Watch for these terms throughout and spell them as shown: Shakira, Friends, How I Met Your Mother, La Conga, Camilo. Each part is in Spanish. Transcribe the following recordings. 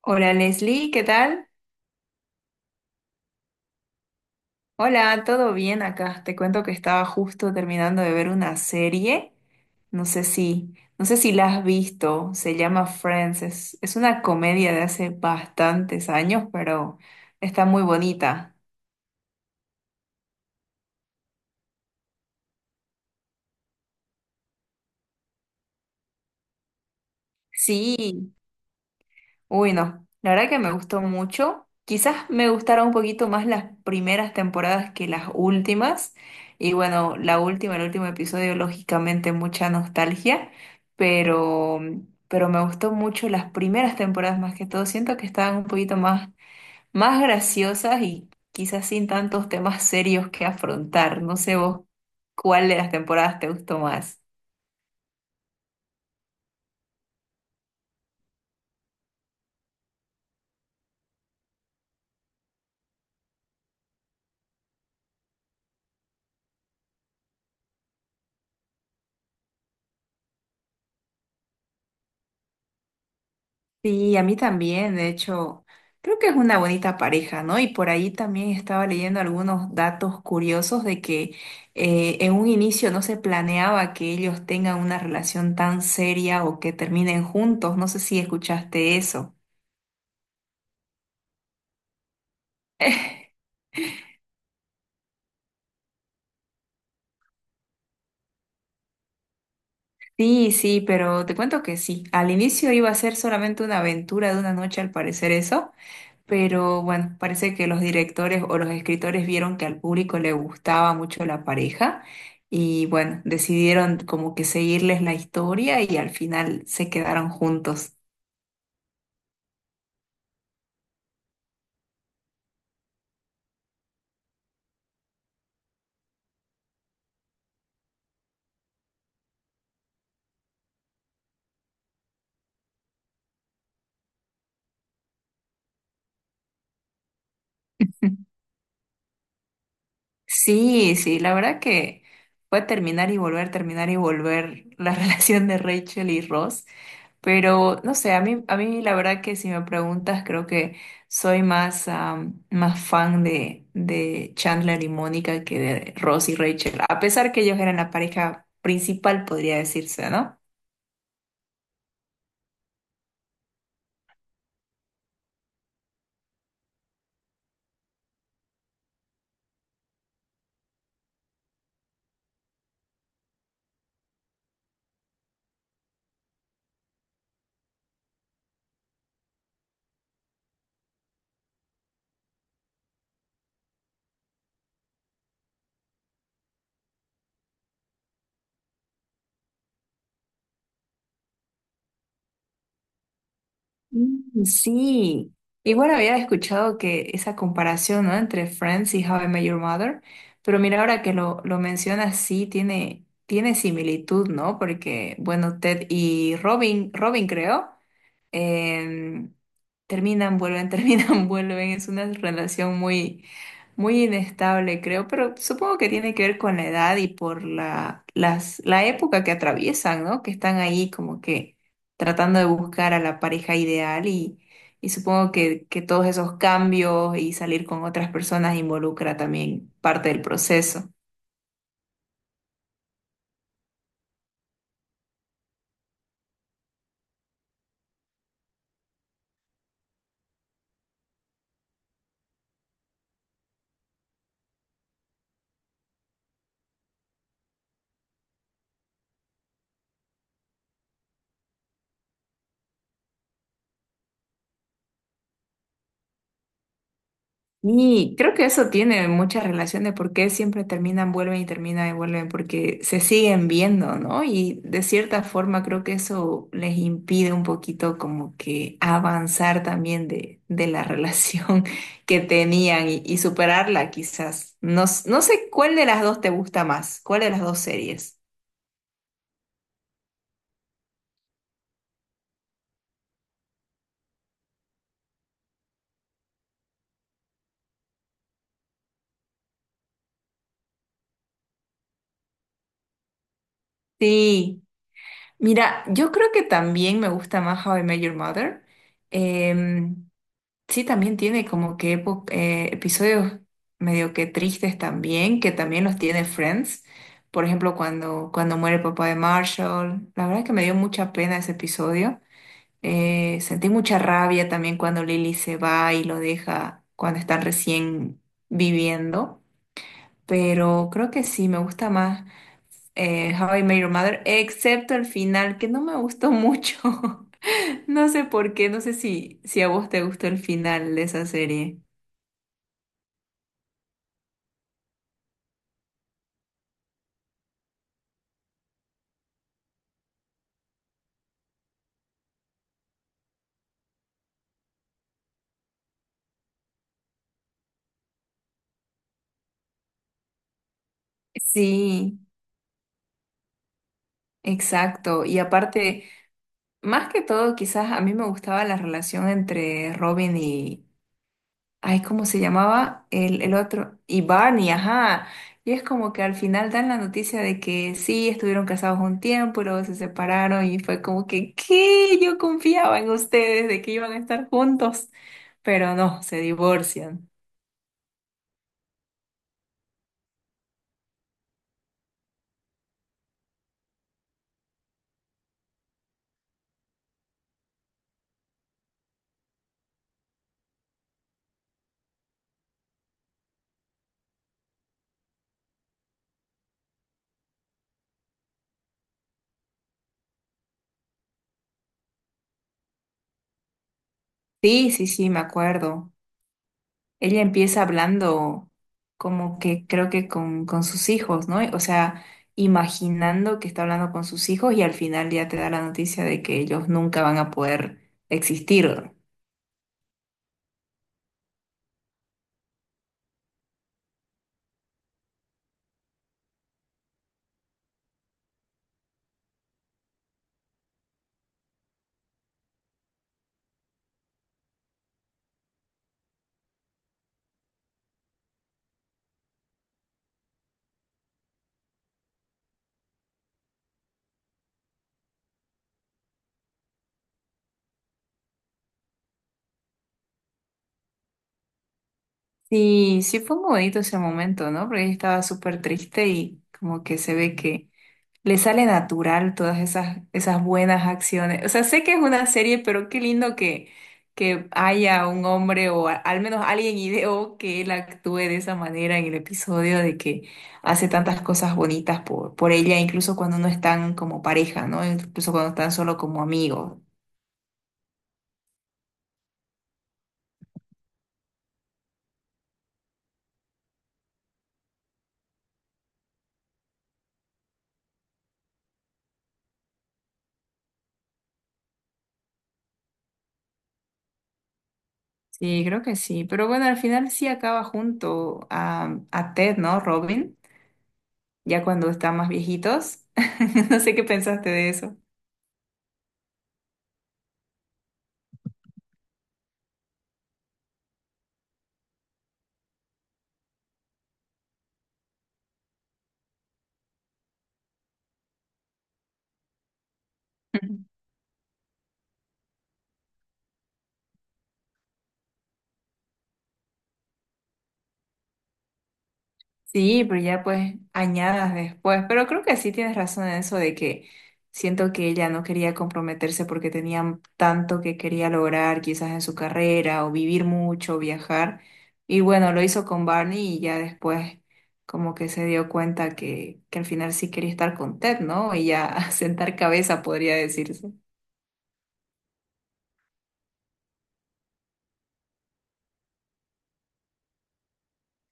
Hola Leslie, ¿qué tal? Hola, ¿todo bien acá? Te cuento que estaba justo terminando de ver una serie. No sé si la has visto. Se llama Friends. Es una comedia de hace bastantes años, pero está muy bonita. Sí. Uy, no, la verdad que me gustó mucho. Quizás me gustaron un poquito más las primeras temporadas que las últimas. Y bueno, la última, el último episodio, lógicamente mucha nostalgia, pero, pero me gustó mucho las primeras temporadas más que todo. Siento que estaban un poquito más graciosas y quizás sin tantos temas serios que afrontar. No sé vos cuál de las temporadas te gustó más. Sí, a mí también, de hecho, creo que es una bonita pareja, ¿no? Y por ahí también estaba leyendo algunos datos curiosos de que en un inicio no se planeaba que ellos tengan una relación tan seria o que terminen juntos, no sé si escuchaste eso. Sí, sí, pero te cuento que sí, al inicio iba a ser solamente una aventura de una noche al parecer eso, pero bueno, parece que los directores o los escritores vieron que al público le gustaba mucho la pareja y bueno, decidieron como que seguirles la historia y al final se quedaron juntos. Sí, sí, la verdad que fue terminar y volver la relación de Rachel y Ross, pero no sé, a mí la verdad que si me preguntas creo que soy más fan de Chandler y Mónica que de Ross y Rachel, a pesar que ellos eran la pareja principal, podría decirse, ¿no? Sí, y bueno, había escuchado que esa comparación, ¿no? Entre Friends y How I Met Your Mother, pero mira, ahora que lo mencionas, sí, tiene similitud, ¿no? Porque, bueno, Ted y Robin, Robin creo, em, terminan, vuelven, terminan, vuelven. Es una relación muy inestable, creo, pero supongo que tiene que ver con la edad y por la época que atraviesan, ¿no? Que están ahí como que tratando de buscar a la pareja ideal y supongo que todos esos cambios y salir con otras personas involucra también parte del proceso. Y creo que eso tiene mucha relación de por qué siempre terminan, vuelven y terminan y vuelven, porque se siguen viendo, ¿no? Y de cierta forma creo que eso les impide un poquito como que avanzar también de la relación que tenían y superarla quizás. No, no sé cuál de las dos te gusta más, cuál de las dos series. Sí, mira, yo creo que también me gusta más How I Met Your Mother. Em, Sí, también tiene como que episodios medio que tristes también, que también los tiene Friends. Por ejemplo, cuando muere el papá de Marshall. La verdad es que me dio mucha pena ese episodio. Sentí mucha rabia también cuando Lily se va y lo deja cuando están recién viviendo. Pero creo que sí, me gusta más How I Met Your Mother, excepto el final, que no me gustó mucho. No sé por qué, no sé si a vos te gustó el final de esa serie. Sí, exacto. Y aparte, más que todo, quizás a mí me gustaba la relación entre Robin y, ay, ¿cómo se llamaba? El otro, y Barney, ajá. Y es como que al final dan la noticia de que sí, estuvieron casados un tiempo y luego se separaron y fue como que, ¿qué? Yo confiaba en ustedes de que iban a estar juntos, pero no, se divorcian. Sí, sí, sí, me acuerdo. Ella empieza hablando como que creo que con sus hijos, ¿no? O sea, imaginando que está hablando con sus hijos y al final ya te da la noticia de que ellos nunca van a poder existir. Sí, sí fue muy bonito ese momento, ¿no? Porque ella estaba súper triste y como que se ve que le sale natural todas esas, esas buenas acciones. O sea, sé que es una serie, pero qué lindo que haya un hombre o al menos alguien ideó que él actúe de esa manera en el episodio de que hace tantas cosas bonitas por ella, incluso cuando no están como pareja, ¿no? Incluso cuando están solo como amigos. Sí, creo que sí. Pero bueno, al final sí acaba junto a Ted, ¿no? Robin, ya cuando están más viejitos. No sé qué pensaste de eso. Sí, pero ya pues añadas después. Pero creo que sí tienes razón en eso de que siento que ella no quería comprometerse porque tenía tanto que quería lograr quizás en su carrera o vivir mucho, viajar. Y bueno, lo hizo con Barney y ya después como que se dio cuenta que al final sí quería estar con Ted, ¿no? Y ya sentar cabeza podría decirse.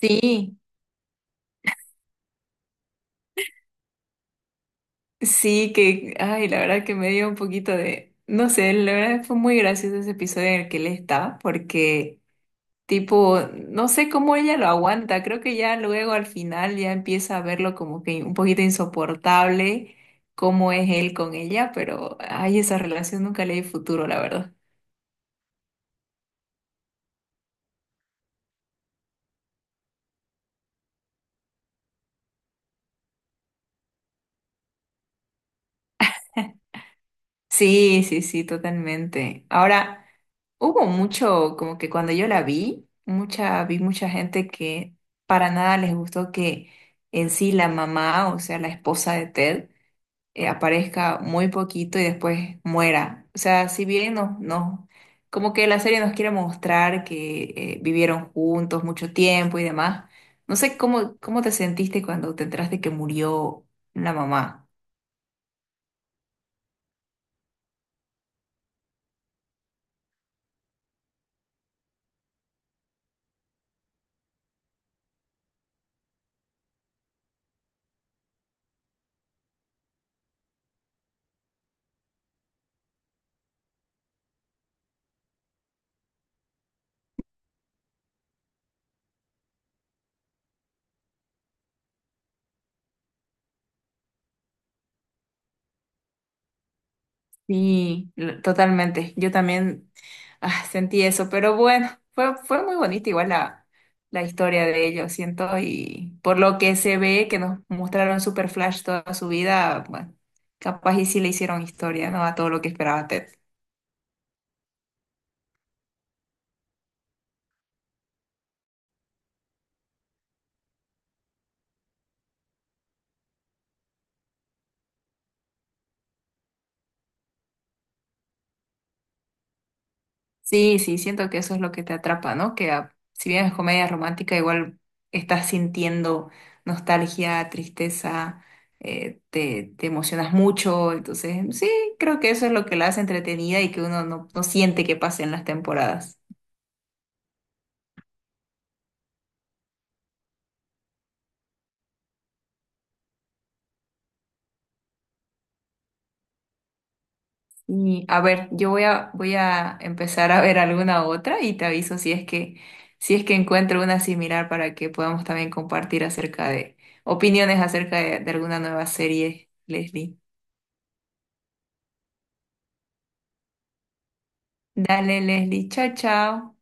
Sí, sí, que, ay, la verdad que me dio un poquito de, no sé, la verdad fue muy gracioso ese episodio en el que él está porque... Tipo, no sé cómo ella lo aguanta, creo que ya luego al final ya empieza a verlo como que un poquito insoportable cómo es él con ella, pero ay, esa relación nunca le di futuro, la verdad. Sí, sí, sí, totalmente. Ahora, hubo mucho, como que cuando yo la vi mucha gente que para nada les gustó que en sí la mamá, o sea, la esposa de Ted, aparezca muy poquito y después muera. O sea, si bien como que la serie nos quiere mostrar que vivieron juntos mucho tiempo y demás, no sé cómo te sentiste cuando te enteraste que murió la mamá. Sí, totalmente. Yo también sentí eso, pero bueno, fue muy bonita igual la historia de ellos, siento, y por lo que se ve que nos mostraron Super Flash toda su vida, bueno, capaz y sí le hicieron historia, ¿no? A todo lo que esperaba Ted. Sí, sí, siento que eso es lo que te atrapa, ¿no? Que si bien es comedia romántica, igual estás sintiendo nostalgia, tristeza, te emocionas mucho, entonces sí, creo que eso es lo que la hace entretenida y que uno no, no siente que pasen las temporadas. Y a ver, yo voy a empezar a ver alguna otra y te aviso si es si es que encuentro una similar para que podamos también compartir acerca de opiniones acerca de alguna nueva serie, Leslie. Dale, Leslie. Chao, chao.